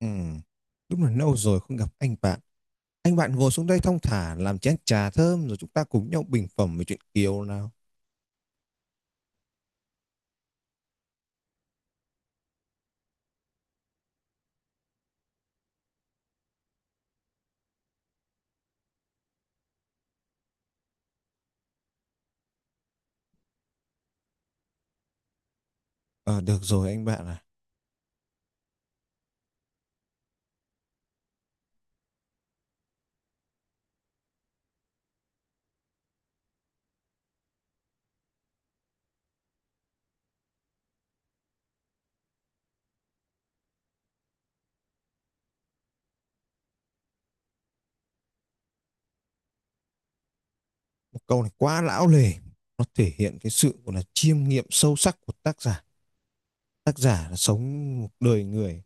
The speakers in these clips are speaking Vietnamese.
Ừ, đúng là lâu rồi không gặp anh bạn. Anh bạn ngồi xuống đây thong thả làm chén trà thơm rồi chúng ta cùng nhau bình phẩm về chuyện Kiều nào. Ờ, Được rồi anh bạn à. Một câu này quá lão lề. Nó thể hiện cái sự gọi là chiêm nghiệm sâu sắc của tác giả. Tác giả là sống một đời người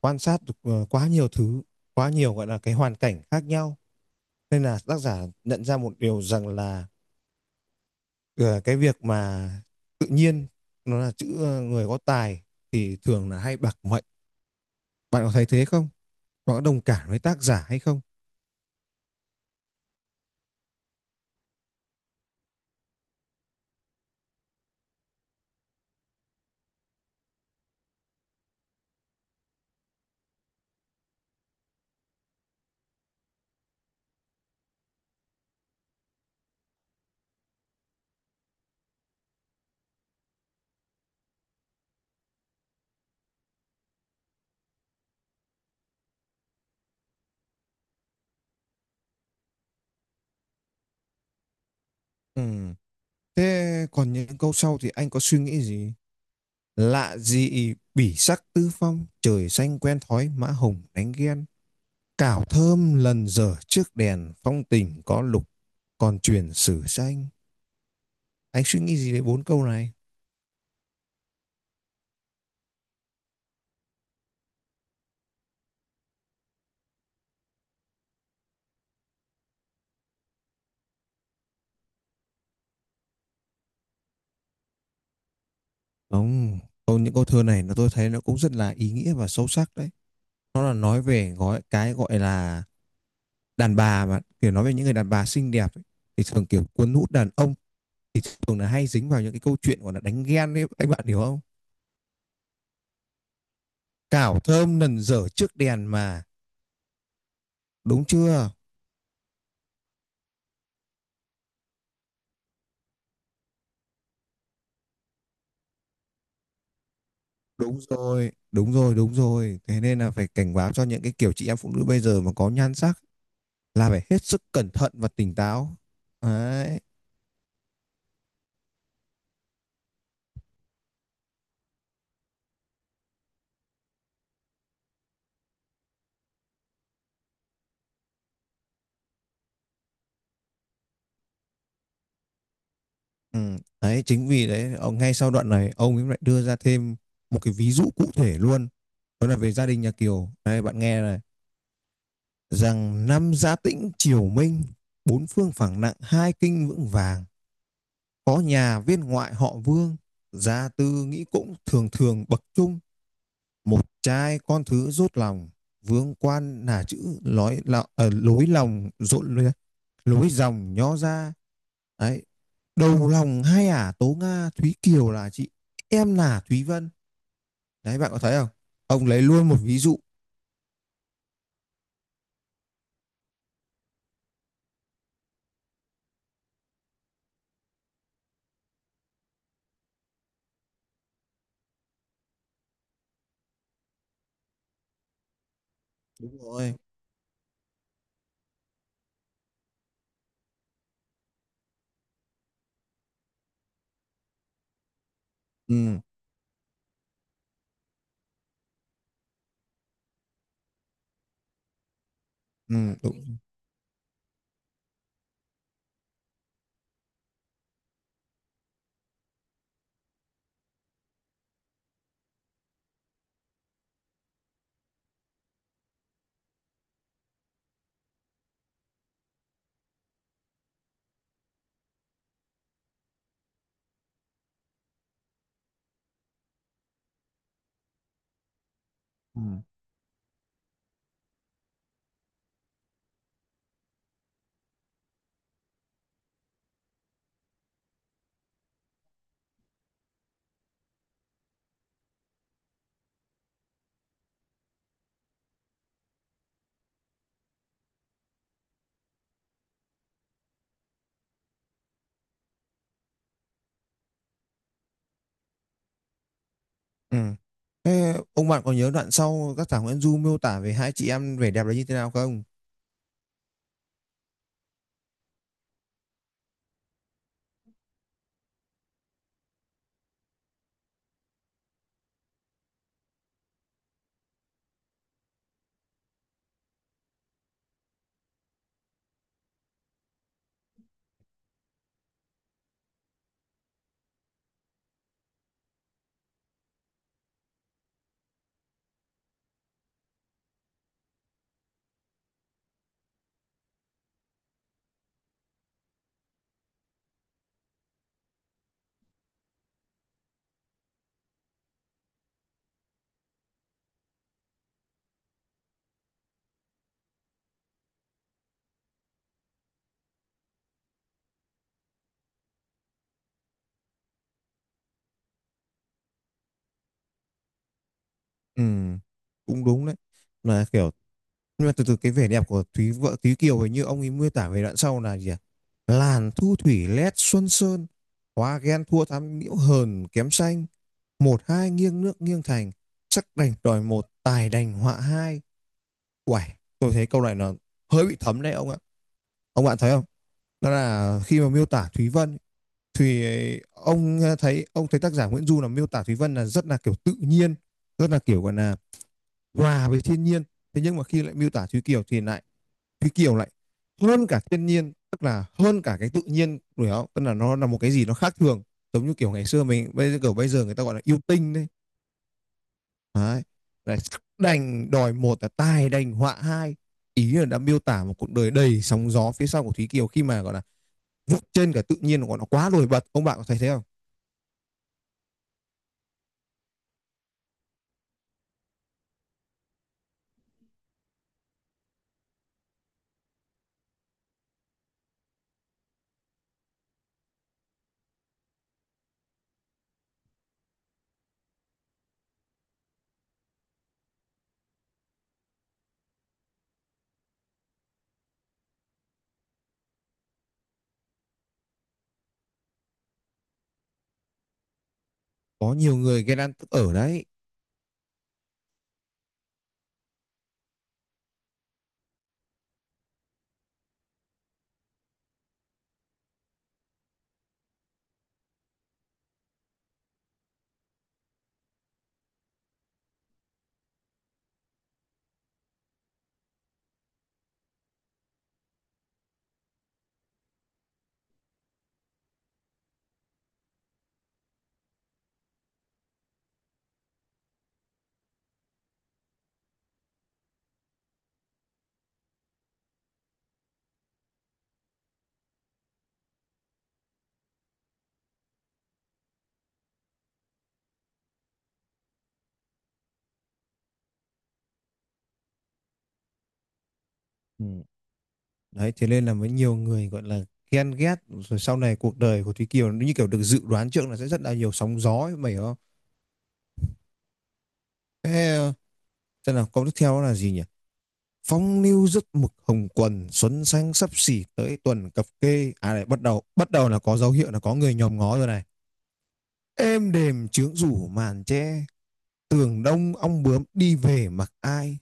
quan sát được quá nhiều thứ, quá nhiều gọi là cái hoàn cảnh khác nhau. Nên là tác giả nhận ra một điều rằng là ờ, cái việc mà tự nhiên nó là chữ người có tài thì thường là hay bạc mệnh. Bạn có thấy thế không? Bạn có đồng cảm với tác giả hay không? Ừm, Thế còn những câu sau thì anh có suy nghĩ gì? Lạ gì bỉ sắc tư phong, trời xanh quen thói mã hồng đánh ghen. Cảo thơm lần dở trước đèn, phong tình có lục, còn truyền sử xanh. Anh suy nghĩ gì về bốn câu này? Không, những câu thơ này nó tôi thấy nó cũng rất là ý nghĩa và sâu sắc đấy. Nó là nói về gói cái gọi là đàn bà mà kiểu nói về những người đàn bà xinh đẹp ấy, thì thường kiểu cuốn hút đàn ông thường là hay dính vào những cái câu chuyện gọi là đánh ghen ấy anh bạn hiểu không. Cảo thơm nần dở trước đèn mà, đúng chưa? Đúng rồi, đúng rồi, đúng rồi, thế nên là phải cảnh báo cho những cái kiểu chị em phụ nữ bây giờ mà có nhan sắc là phải hết sức cẩn thận và tỉnh táo đấy. Ừ. Đấy chính vì đấy ông ngay sau đoạn này ông ấy lại đưa ra thêm một cái ví dụ cụ thể luôn, đó là về gia đình nhà Kiều, đây bạn nghe này: rằng năm gia tĩnh triều minh, bốn phương phẳng nặng hai kinh vững vàng. Có nhà viên ngoại họ Vương, gia tư nghĩ cũng thường thường bậc trung, một trai con thứ rốt lòng, vương quan là chữ lối, lối lòng rộn lối, lối dòng nhó ra. Đấy, đầu lòng hai ả à, Tố Nga, Thúy Kiều là chị, em là Thúy Vân. Đấy, bạn có thấy không? Ông lấy luôn một ví dụ. Đúng rồi. Ừ, ừ, đúng. Ừ. Ừ. Thế ông bạn có nhớ đoạn sau các thảo Nguyễn Du miêu tả về hai chị em vẻ đẹp là như thế nào không? Ừ, cũng đúng đấy. Là kiểu, nhưng mà từ từ cái vẻ đẹp của Thúy Kiều hình như ông ấy miêu tả về đoạn sau là gì à? Làn thu thủy lét xuân sơn, hóa ghen thua thắm nhiễu hờn kém xanh, một hai nghiêng nước nghiêng thành, sắc đành đòi một tài đành họa hai. Uầy, tôi thấy câu này nó hơi bị thấm đấy ông ạ. Ông bạn thấy không? Đó là khi mà miêu tả Thúy Vân thì thấy ông thấy tác giả Nguyễn Du là miêu tả Thúy Vân là rất là kiểu tự nhiên, rất là kiểu gọi là hòa với thiên nhiên, thế nhưng mà khi lại miêu tả Thúy Kiều thì lại, Thúy Kiều lại hơn cả thiên nhiên, tức là hơn cả cái tự nhiên đúng không, tức là nó là một cái gì nó khác thường, giống như kiểu ngày xưa mình bây giờ kiểu bây giờ người ta gọi là yêu tinh đấy. Đấy là đành đòi một là tài đành họa hai, ý là đã miêu tả một cuộc đời đầy sóng gió phía sau của Thúy Kiều khi mà gọi là vượt trên cả tự nhiên của nó quá nổi bật, ông bạn có thấy thế không? Có nhiều người ghen ăn tức ở đấy. Ừ. Đấy, thế nên là mới nhiều người gọi là ghen ghét rồi sau này cuộc đời của Thúy Kiều nó như kiểu được dự đoán trước là sẽ rất là nhiều sóng gió mày hiểu không? Thế là câu tiếp theo là gì nhỉ? Phong lưu rất mực hồng quần xuân xanh sắp xỉ tới tuần cập kê à, này bắt đầu là có dấu hiệu là có người nhòm ngó rồi này, êm đềm trướng rủ màn che, tường đông ong bướm đi về mặc ai.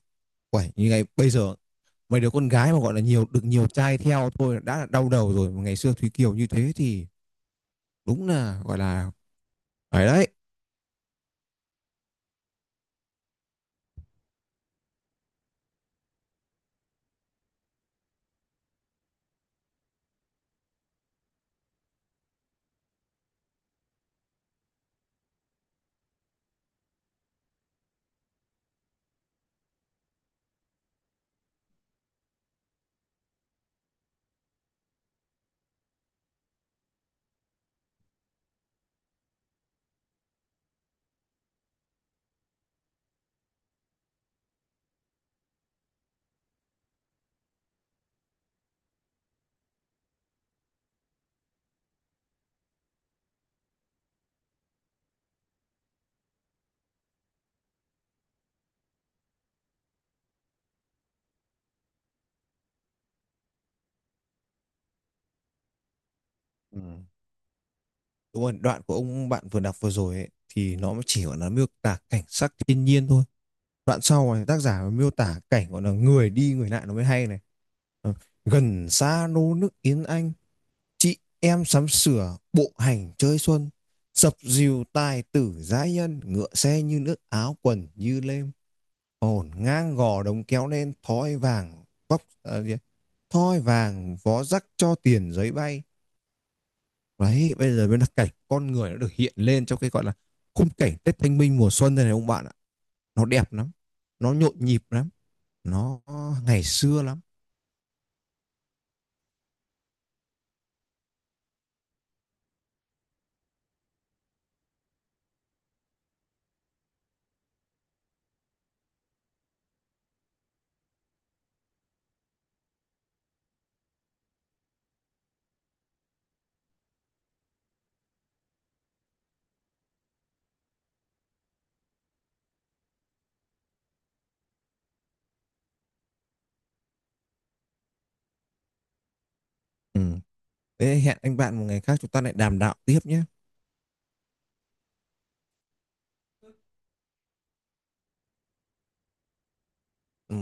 Quẩy như ngày bây giờ, mấy đứa con gái mà gọi là được nhiều trai theo thôi đã là đau đầu rồi mà ngày xưa Thúy Kiều như thế thì đúng là gọi là phải đấy. Ừ. Đúng rồi, đoạn của ông bạn vừa đọc vừa rồi ấy, thì nó chỉ gọi là miêu tả cảnh sắc thiên nhiên thôi. Đoạn sau này tác giả miêu tả cảnh gọi là người đi người lại nó mới hay này. Ờ, Gần xa nô nức yến anh, chị em sắm sửa bộ hành chơi xuân, dập dìu tài tử giãi nhân, ngựa xe như nước áo quần như lêm, hồn ngang gò đống kéo lên thói vàng vóc, à, gì ấy? Thói vàng vó rắc cho tiền giấy bay. Đấy, bây giờ mới là cảnh con người nó được hiện lên trong cái gọi là khung cảnh Tết Thanh Minh mùa xuân đây này ông bạn ạ. Nó đẹp lắm, nó nhộn nhịp lắm, nó ngày xưa lắm. Ừ. Thế hẹn anh bạn một ngày khác chúng ta lại đàm đạo tiếp nhé. Ừ.